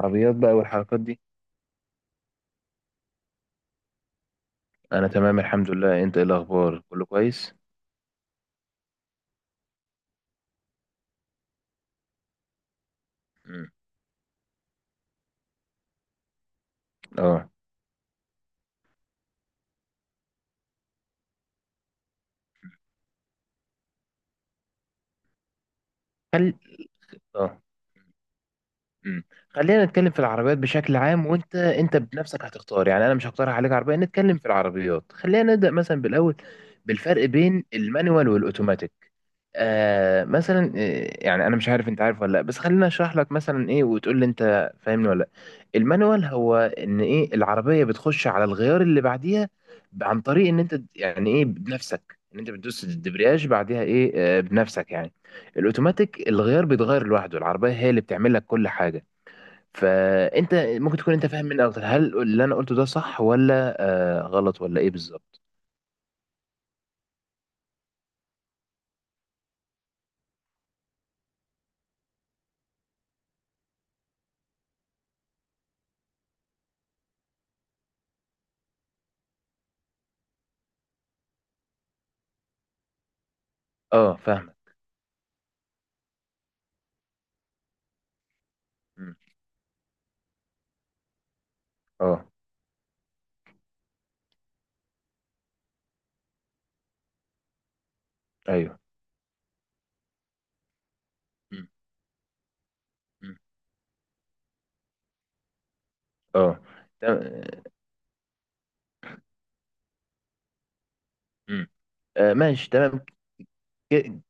عربيات بقى والحركات دي. انا تمام الحمد لله، انت ايه الاخبار؟ كله كويس؟ مم. اه. خل اه. مم. خلينا نتكلم في العربيات بشكل عام، وانت بنفسك هتختار، يعني انا مش هقترح عليك عربيه. نتكلم في العربيات، خلينا نبدا مثلا بالاول بالفرق بين المانيوال والاوتوماتيك. مثلا، يعني انا مش عارف انت عارف ولا لا، بس خليني اشرح لك مثلا ايه وتقول لي انت فاهمني ولا لا. المانوال هو ان ايه العربيه بتخش على الغيار اللي بعديها عن طريق ان انت يعني ايه بنفسك، ان انت بتدوس الدبرياج بعديها ايه بنفسك يعني. الاوتوماتيك الغيار بيتغير لوحده، العربيه هي اللي بتعمل لك كل حاجه. فانت ممكن تكون انت فاهم مني اكتر، هل اللي انا قلته ده صح ولا غلط ولا ايه بالظبط؟ اه فاهمك. مم. اه. ايوه. مم. مم. اه. تمام. مم. آه ماشي تمام. ك-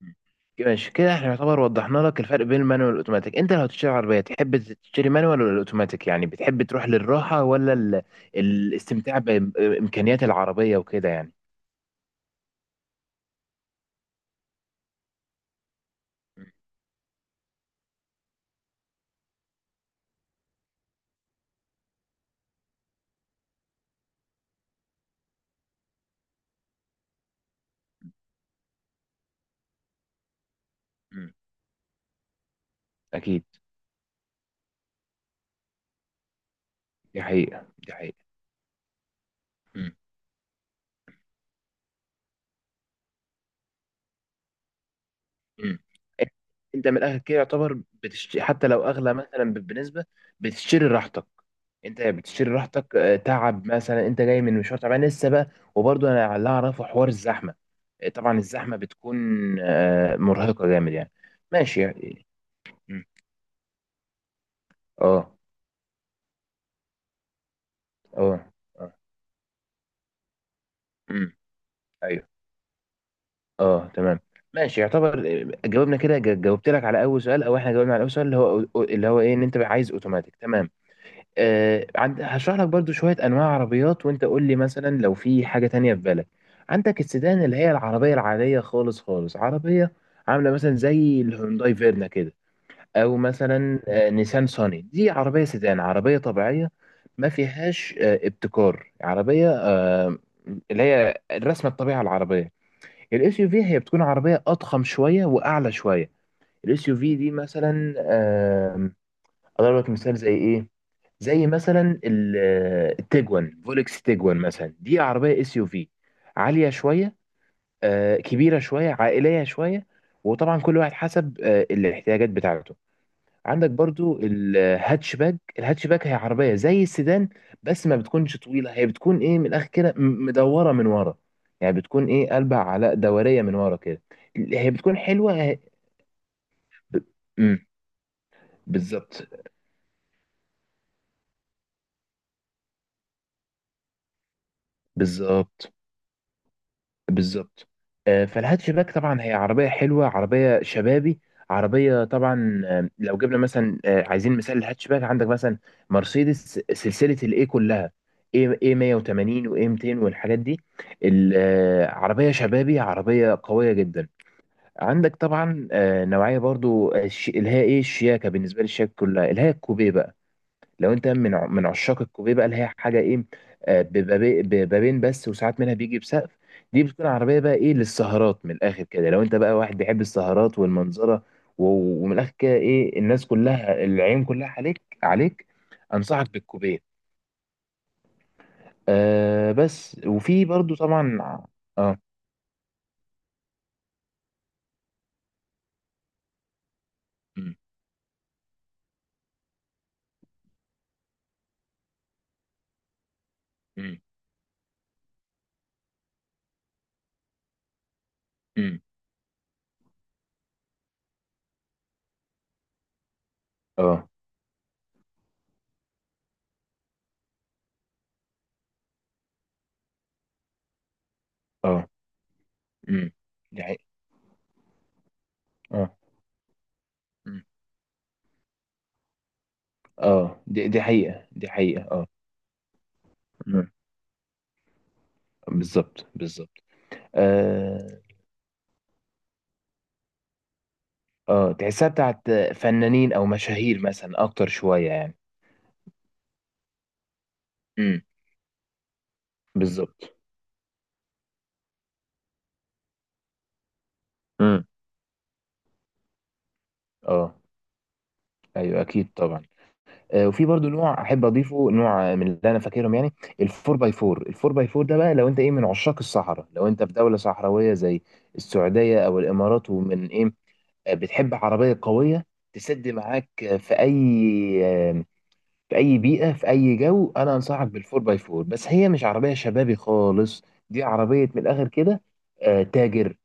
مم. ماشي كده احنا يعتبر وضحنا لك الفرق بين المانوال والاوتوماتيك. انت لو هتشتري عربيه تحب تشتري مانوال ولا الاوتوماتيك؟ يعني بتحب تروح للراحه ولا الاستمتاع بامكانيات العربيه وكده يعني. مم. مم. اكيد. دي حقيقه دي حقيقه. مم. انت من الاخر كده يعتبر بتشتري، حتى لو اغلى مثلا بنسبه، بتشتري راحتك. انت بتشتري راحتك. تعب مثلا، انت جاي من مشوار تعبان لسه بقى. وبرضه انا اللي اعرفه حوار الزحمه. طبعا الزحمه بتكون مرهقه جامد يعني. ماشي يعني. مم. اه اه اه. مم. ايوه. اه تمام. ماشي يعتبر. جاوبنا كده جاوبت لك على اول سؤال، او احنا جاوبنا على اول سؤال، اللي هو ايه ان انت عايز اوتوماتيك. تمام. عند هشرح لك برضو شوية أنواع عربيات، وأنت قول لي مثلا لو في حاجة تانية في بالك. عندك السيدان، اللي هي العربية العادية خالص خالص، عربية عاملة مثلا زي الهونداي فيرنا كده. أو مثلا نيسان صاني، دي عربية سيدان عربية طبيعية، ما فيهاش ابتكار عربية، اللي هي الرسمة الطبيعة العربية. الاس يو في هي بتكون عربية أضخم شوية وأعلى شوية. الاس يو في دي مثلا، آم، أضرب لك مثال زي إيه؟ زي مثلا التيجوان، فولكس تيجوان مثلا، دي عربيه اس يو في عاليه شويه، كبيره شويه، عائليه شويه. وطبعا كل واحد حسب الاحتياجات بتاعته. عندك برضو الهاتشباك. الهاتشباك هي عربيه زي السيدان بس ما بتكونش طويله، هي بتكون ايه من الاخر كده مدوره من ورا، يعني بتكون ايه قلبها على دوريه من ورا كده. هي بتكون حلوه. ب... مم. بالظبط بالظبط بالظبط. فالهاتشباك طبعا هي عربية حلوة، عربية شبابي، عربية طبعا. لو جبنا مثلا عايزين مثال الهاتشباك، عندك مثلا مرسيدس سلسلة الاي كلها، اي اي 180 واي 200 والحاجات دي. عربية شبابي، عربية قوية جدا. عندك طبعا نوعية برضو، اللي هي ايه الشياكة، بالنسبة للشياكة كلها اللي هي الكوبيه بقى. لو انت من من عشاق الكوبيه بقى، اللي هي حاجه ايه، بيبقى ببابين بس وساعات منها بيجي بسقف. دي بتكون عربيه بقى ايه للسهرات، من الاخر كده لو انت بقى واحد بيحب السهرات والمنظره، ومن الاخر كده ايه الناس كلها، العيون كلها عليك عليك. انصحك بالكوبيه. بس. وفي برضو طبعا. اه. امم امم امم. اه اه. امم. دي حقيقة. اه. امم. اه دي حقيقة دي حقيقة. اه. امم. بالظبط بالظبط. آه. اه تحسها بتاعت فنانين او مشاهير مثلا اكتر شويه يعني. امم. بالظبط. امم. اه. ايوه اكيد طبعا. وفي برضو نوع احب اضيفه نوع من اللي انا فاكرهم يعني. الفور باي فور. الفور باي فور ده بقى لو انت ايه من عشاق الصحراء، لو انت في دوله صحراويه زي السعوديه او الامارات ومن ايه، بتحب عربيه قويه تسد معاك في اي بيئه، في اي جو، انا انصحك بالفور باي فور. بس هي مش عربيه شبابي خالص، دي عربيه من الاخر كده تاجر،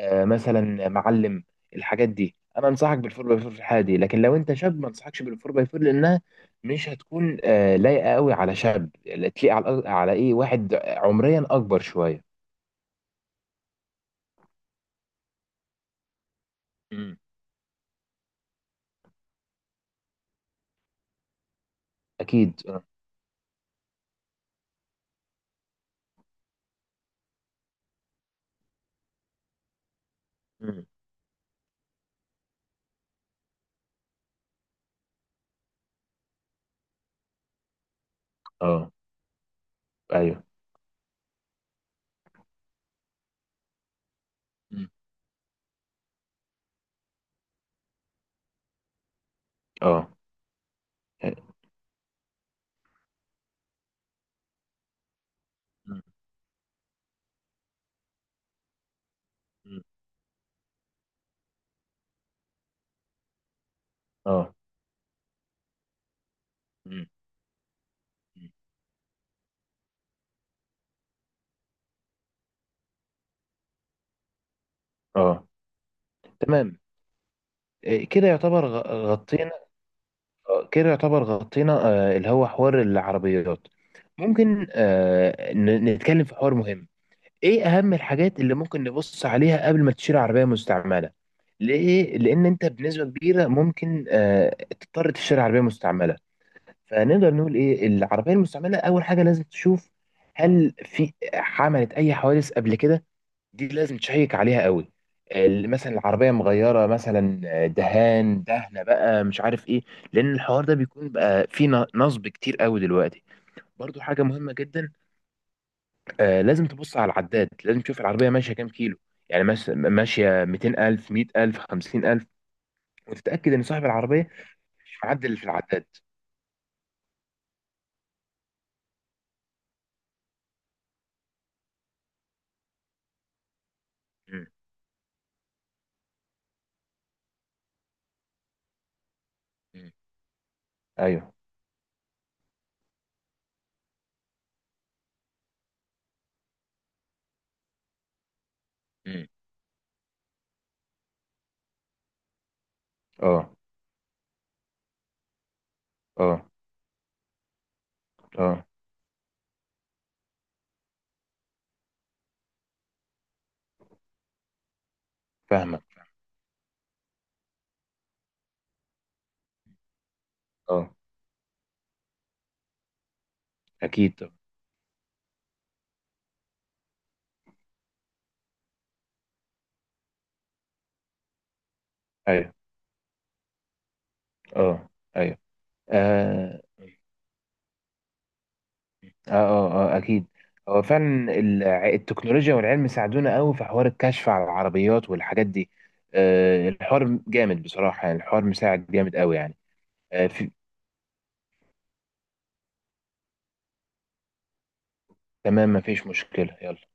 مثلا معلم. الحاجات دي انا انصحك بالفور باي فور في الحاله دي. لكن لو انت شاب، ما انصحكش بالفور باي فور، لانها مش هتكون لايقه قوي على شاب، تليق على ايه واحد عمريا اكبر شويه. مم. اكيد اه. مم. اه. ايوه. مم. اه. مم. مم. اه. مم. مم. اه تمام. إيه كده يعتبر غطينا، كده يعتبر غطينا اللي هو حوار العربيات. ممكن نتكلم في حوار مهم. ايه اهم الحاجات اللي ممكن نبص عليها قبل ما تشتري عربية مستعملة؟ ليه؟ لان انت بنسبة كبيرة ممكن تضطر تشتري عربية مستعملة. فنقدر نقول ايه العربية المستعملة؟ اول حاجة لازم تشوف هل في عملت اي حوادث قبل كده. دي لازم تشيك عليها قوي. مثلا العربيه مغيره مثلا دهان، دهنه بقى مش عارف ايه، لان الحوار ده بيكون بقى فيه نصب كتير قوي دلوقتي. برضو حاجه مهمه جدا، لازم تبص على العداد، لازم تشوف العربيه ماشيه كام كيلو. يعني ماشيه 200000 100000 50000، وتتاكد ان صاحب العربيه مش معدل في العداد. مم. مم. ايوه. مم. اه اه اه. فاهمه. اه. اكيد طبعا. ايوه. اه. ايوه. آه. اه اه اه اكيد. هو فعلا التكنولوجيا والعلم ساعدونا قوي في حوار الكشف على العربيات والحاجات دي. آه الحوار جامد بصراحة، يعني الحوار مساعد جامد قوي يعني. آه في... تمام مفيش مشكلة، يلا.